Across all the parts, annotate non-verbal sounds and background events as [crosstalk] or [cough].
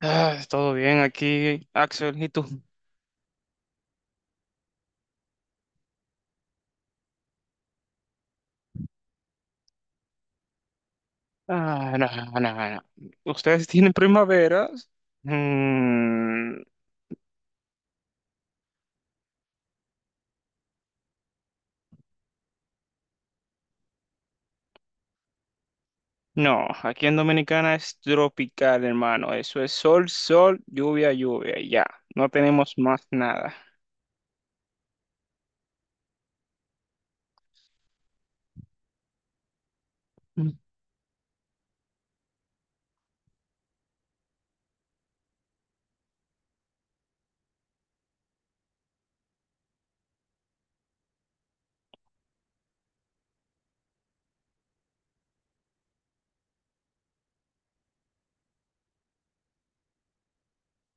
Ah, todo bien aquí, Axel, ¿y tú? Ah, no, no, no. ¿Ustedes tienen primaveras? Mm, no, aquí en Dominicana es tropical, hermano. Eso es sol, sol, lluvia, lluvia, y ya. No tenemos más nada.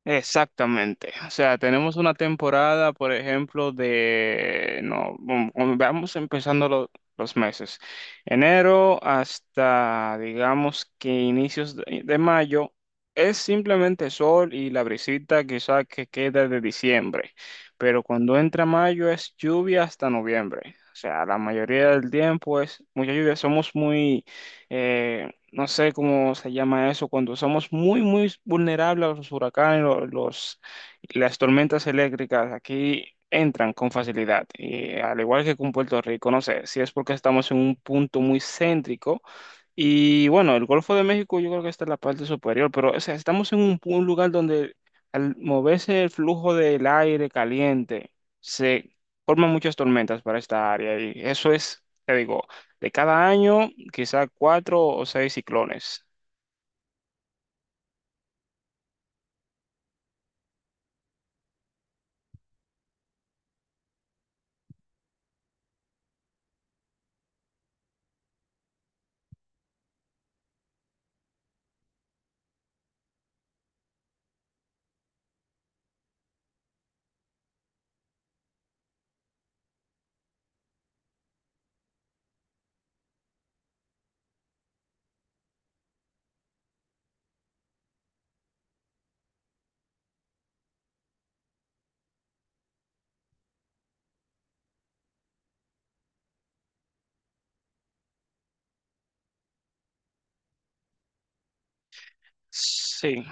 Exactamente. O sea, tenemos una temporada, por ejemplo, de, no, vamos empezando los meses. Enero hasta, digamos que inicios de mayo, es simplemente sol y la brisita quizá que queda de diciembre. Pero cuando entra mayo es lluvia hasta noviembre. O sea, la mayoría del tiempo es mucha lluvia. Somos muy, eh, no sé cómo se llama eso, cuando somos muy, muy vulnerables a los huracanes, las tormentas eléctricas, aquí entran con facilidad, y al igual que con Puerto Rico, no sé si es porque estamos en un punto muy céntrico. Y bueno, el Golfo de México yo creo que está en la parte superior, pero o sea, estamos en un lugar donde al moverse el flujo del aire caliente se forman muchas tormentas para esta área y eso es, te digo, de cada año, quizá cuatro o seis ciclones. Sí,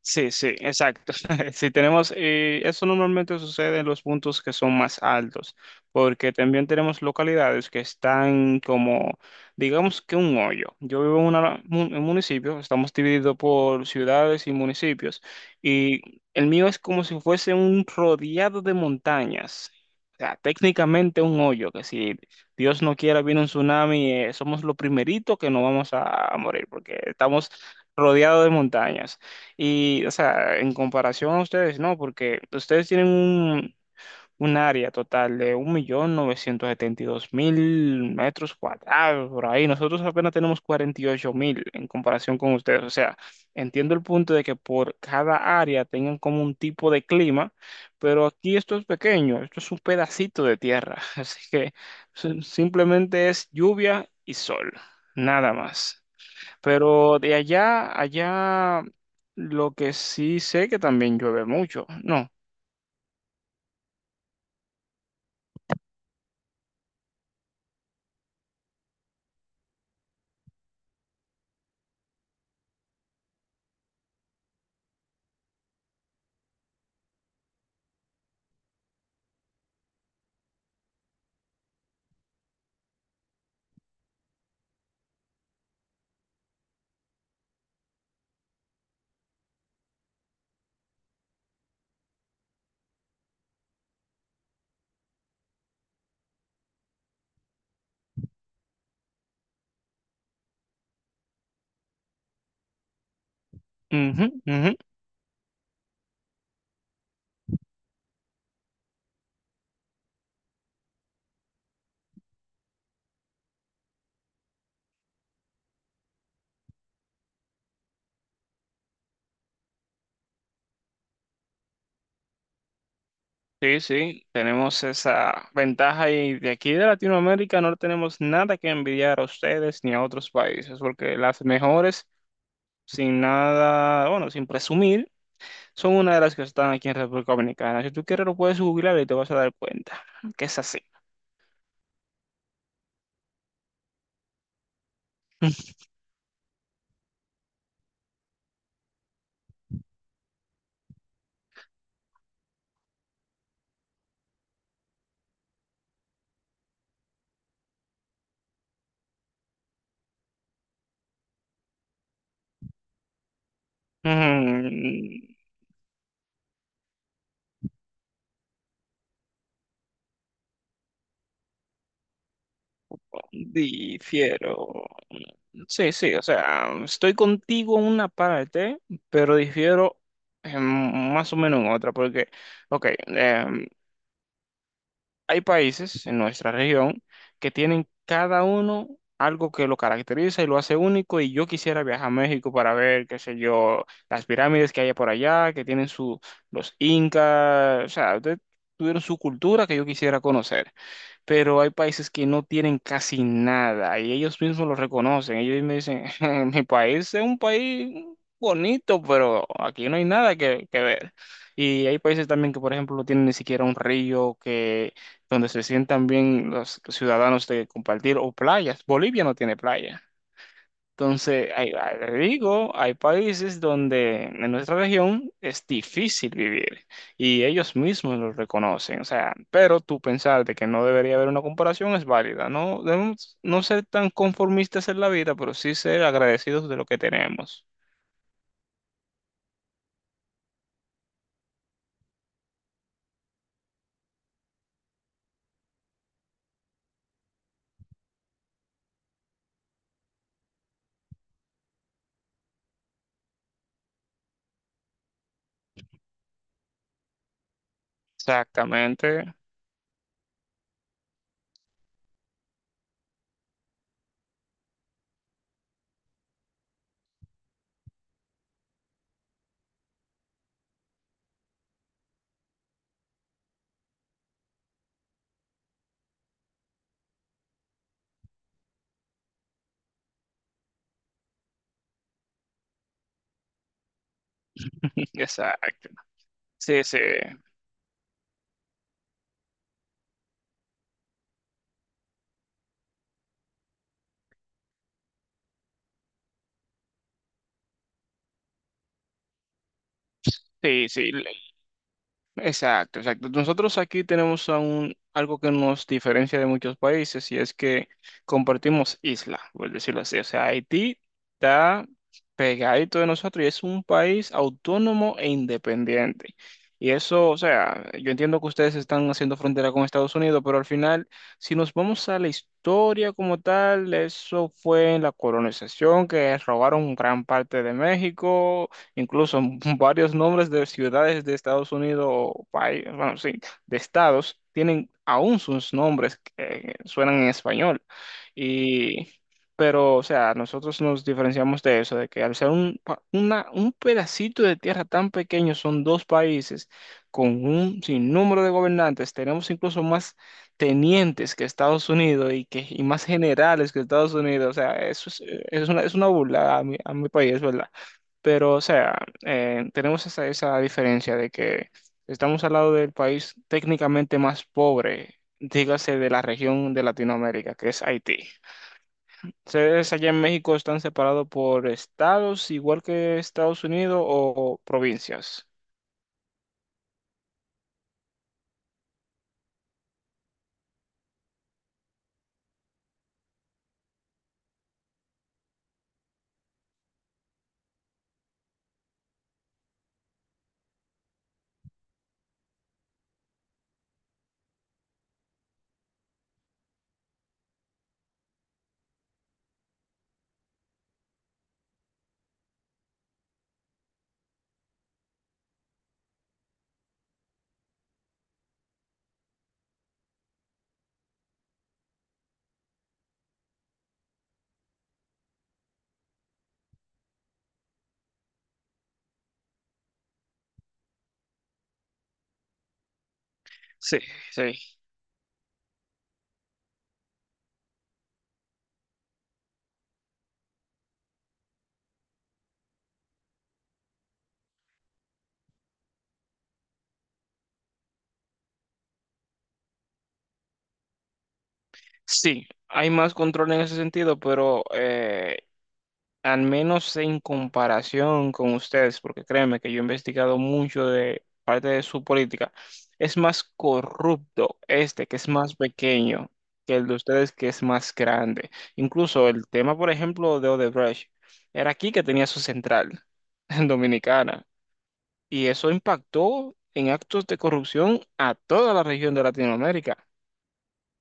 sí, sí, exacto. [laughs] Si tenemos, eso normalmente sucede en los puntos que son más altos, porque también tenemos localidades que están como, digamos que un hoyo. Yo vivo en un municipio, estamos divididos por ciudades y municipios, y el mío es como si fuese un rodeado de montañas. O sea, técnicamente un hoyo, que si Dios no quiera viene un tsunami, somos lo primerito que no vamos a morir, porque estamos rodeado de montañas. Y, o sea, en comparación a ustedes, no, porque ustedes tienen un área total de 1,972,000 metros cuadrados por ahí. Nosotros apenas tenemos 48,000 en comparación con ustedes. O sea, entiendo el punto de que por cada área tengan como un tipo de clima, pero aquí esto es pequeño, esto es un pedacito de tierra. [laughs] Así que simplemente es lluvia y sol, nada más. Pero de allá, allá, lo que sí sé que también llueve mucho, ¿no? Ujú, ujú. Sí, sí, tenemos esa ventaja y de aquí de Latinoamérica no tenemos nada que envidiar a ustedes ni a otros países, porque las mejores, sin nada, bueno, sin presumir, son una de las que están aquí en República Dominicana. Si tú quieres lo puedes googlear y te vas a dar cuenta que es así. [laughs] Difiero. Sí, sí, o sea, estoy contigo en una parte, pero difiero en más o menos en otra, porque, ok, hay países en nuestra región que tienen cada uno algo que lo caracteriza y lo hace único, y yo quisiera viajar a México para ver, qué sé yo, las pirámides que hay por allá, que tienen su, los incas, o sea, tuvieron su cultura que yo quisiera conocer, pero hay países que no tienen casi nada y ellos mismos lo reconocen. Ellos me dicen, [laughs] mi país es un país bonito, pero aquí no hay nada que ver. Y hay países también que, por ejemplo, no tienen ni siquiera un río que, donde se sientan bien los ciudadanos de compartir o playas. Bolivia no tiene playa. Entonces, le digo, hay países donde en nuestra región es difícil vivir y ellos mismos lo reconocen. O sea, pero tú pensar de que no debería haber una comparación es válida. No debemos no ser tan conformistas en la vida, pero sí ser agradecidos de lo que tenemos. Exactamente. [laughs] Exacto. Sí, sí, sí, sí. Exacto, exacto. Nosotros aquí tenemos aún algo que nos diferencia de muchos países y es que compartimos isla, por decirlo así. O sea, Haití está pegadito de nosotros y es un país autónomo e independiente. Y eso, o sea, yo entiendo que ustedes están haciendo frontera con Estados Unidos, pero al final, si nos vamos a la historia como tal, eso fue en la colonización que robaron gran parte de México, incluso varios nombres de ciudades de Estados Unidos o país, bueno, sí, de estados, tienen aún sus nombres que suenan en español. Y, pero, o sea, nosotros nos diferenciamos de eso, de que al ser un pedacito de tierra tan pequeño, son dos países con un sinnúmero de gobernantes, tenemos incluso más tenientes que Estados Unidos y más generales que Estados Unidos, o sea, eso es una burla a mi país, ¿verdad? Pero, o sea, tenemos esa, esa diferencia de que estamos al lado del país técnicamente más pobre, dígase de la región de Latinoamérica, que es Haití. ¿Ustedes allá en México están separados por estados, igual que Estados Unidos, o provincias? Sí, sí. Sí, hay más control en ese sentido, pero al menos en comparación con ustedes, porque créeme que yo he investigado mucho de parte de su política, es más corrupto este, que es más pequeño, que el de ustedes, que es más grande. Incluso el tema, por ejemplo, de Odebrecht, era aquí que tenía su central, [laughs] en Dominicana, y eso impactó en actos de corrupción a toda la región de Latinoamérica.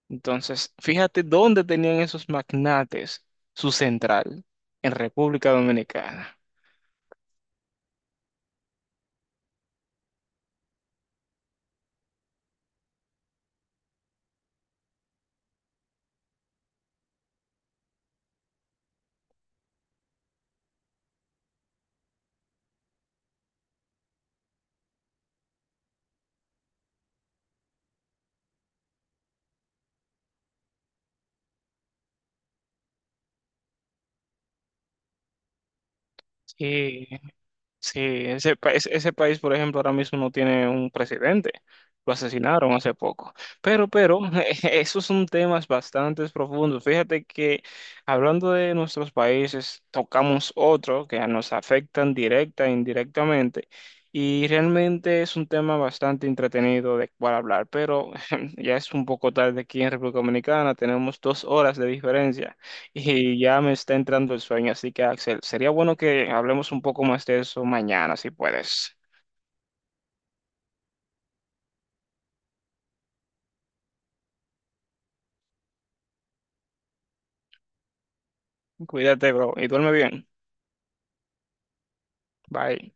Entonces, fíjate dónde tenían esos magnates su central, en República Dominicana. Y sí, ese, pa- ese ese país, por ejemplo, ahora mismo no tiene un presidente. Lo asesinaron hace poco. Pero, [laughs] esos son temas bastante profundos. Fíjate que hablando de nuestros países, tocamos otro que nos afectan directa e indirectamente. Y realmente es un tema bastante entretenido de cual hablar. Pero [laughs] ya es un poco tarde aquí en República Dominicana. Tenemos 2 horas de diferencia. Y ya me está entrando el sueño, así que Axel, sería bueno que hablemos un poco más de eso mañana, si puedes. Cuídate, bro, y duerme bien. Bye.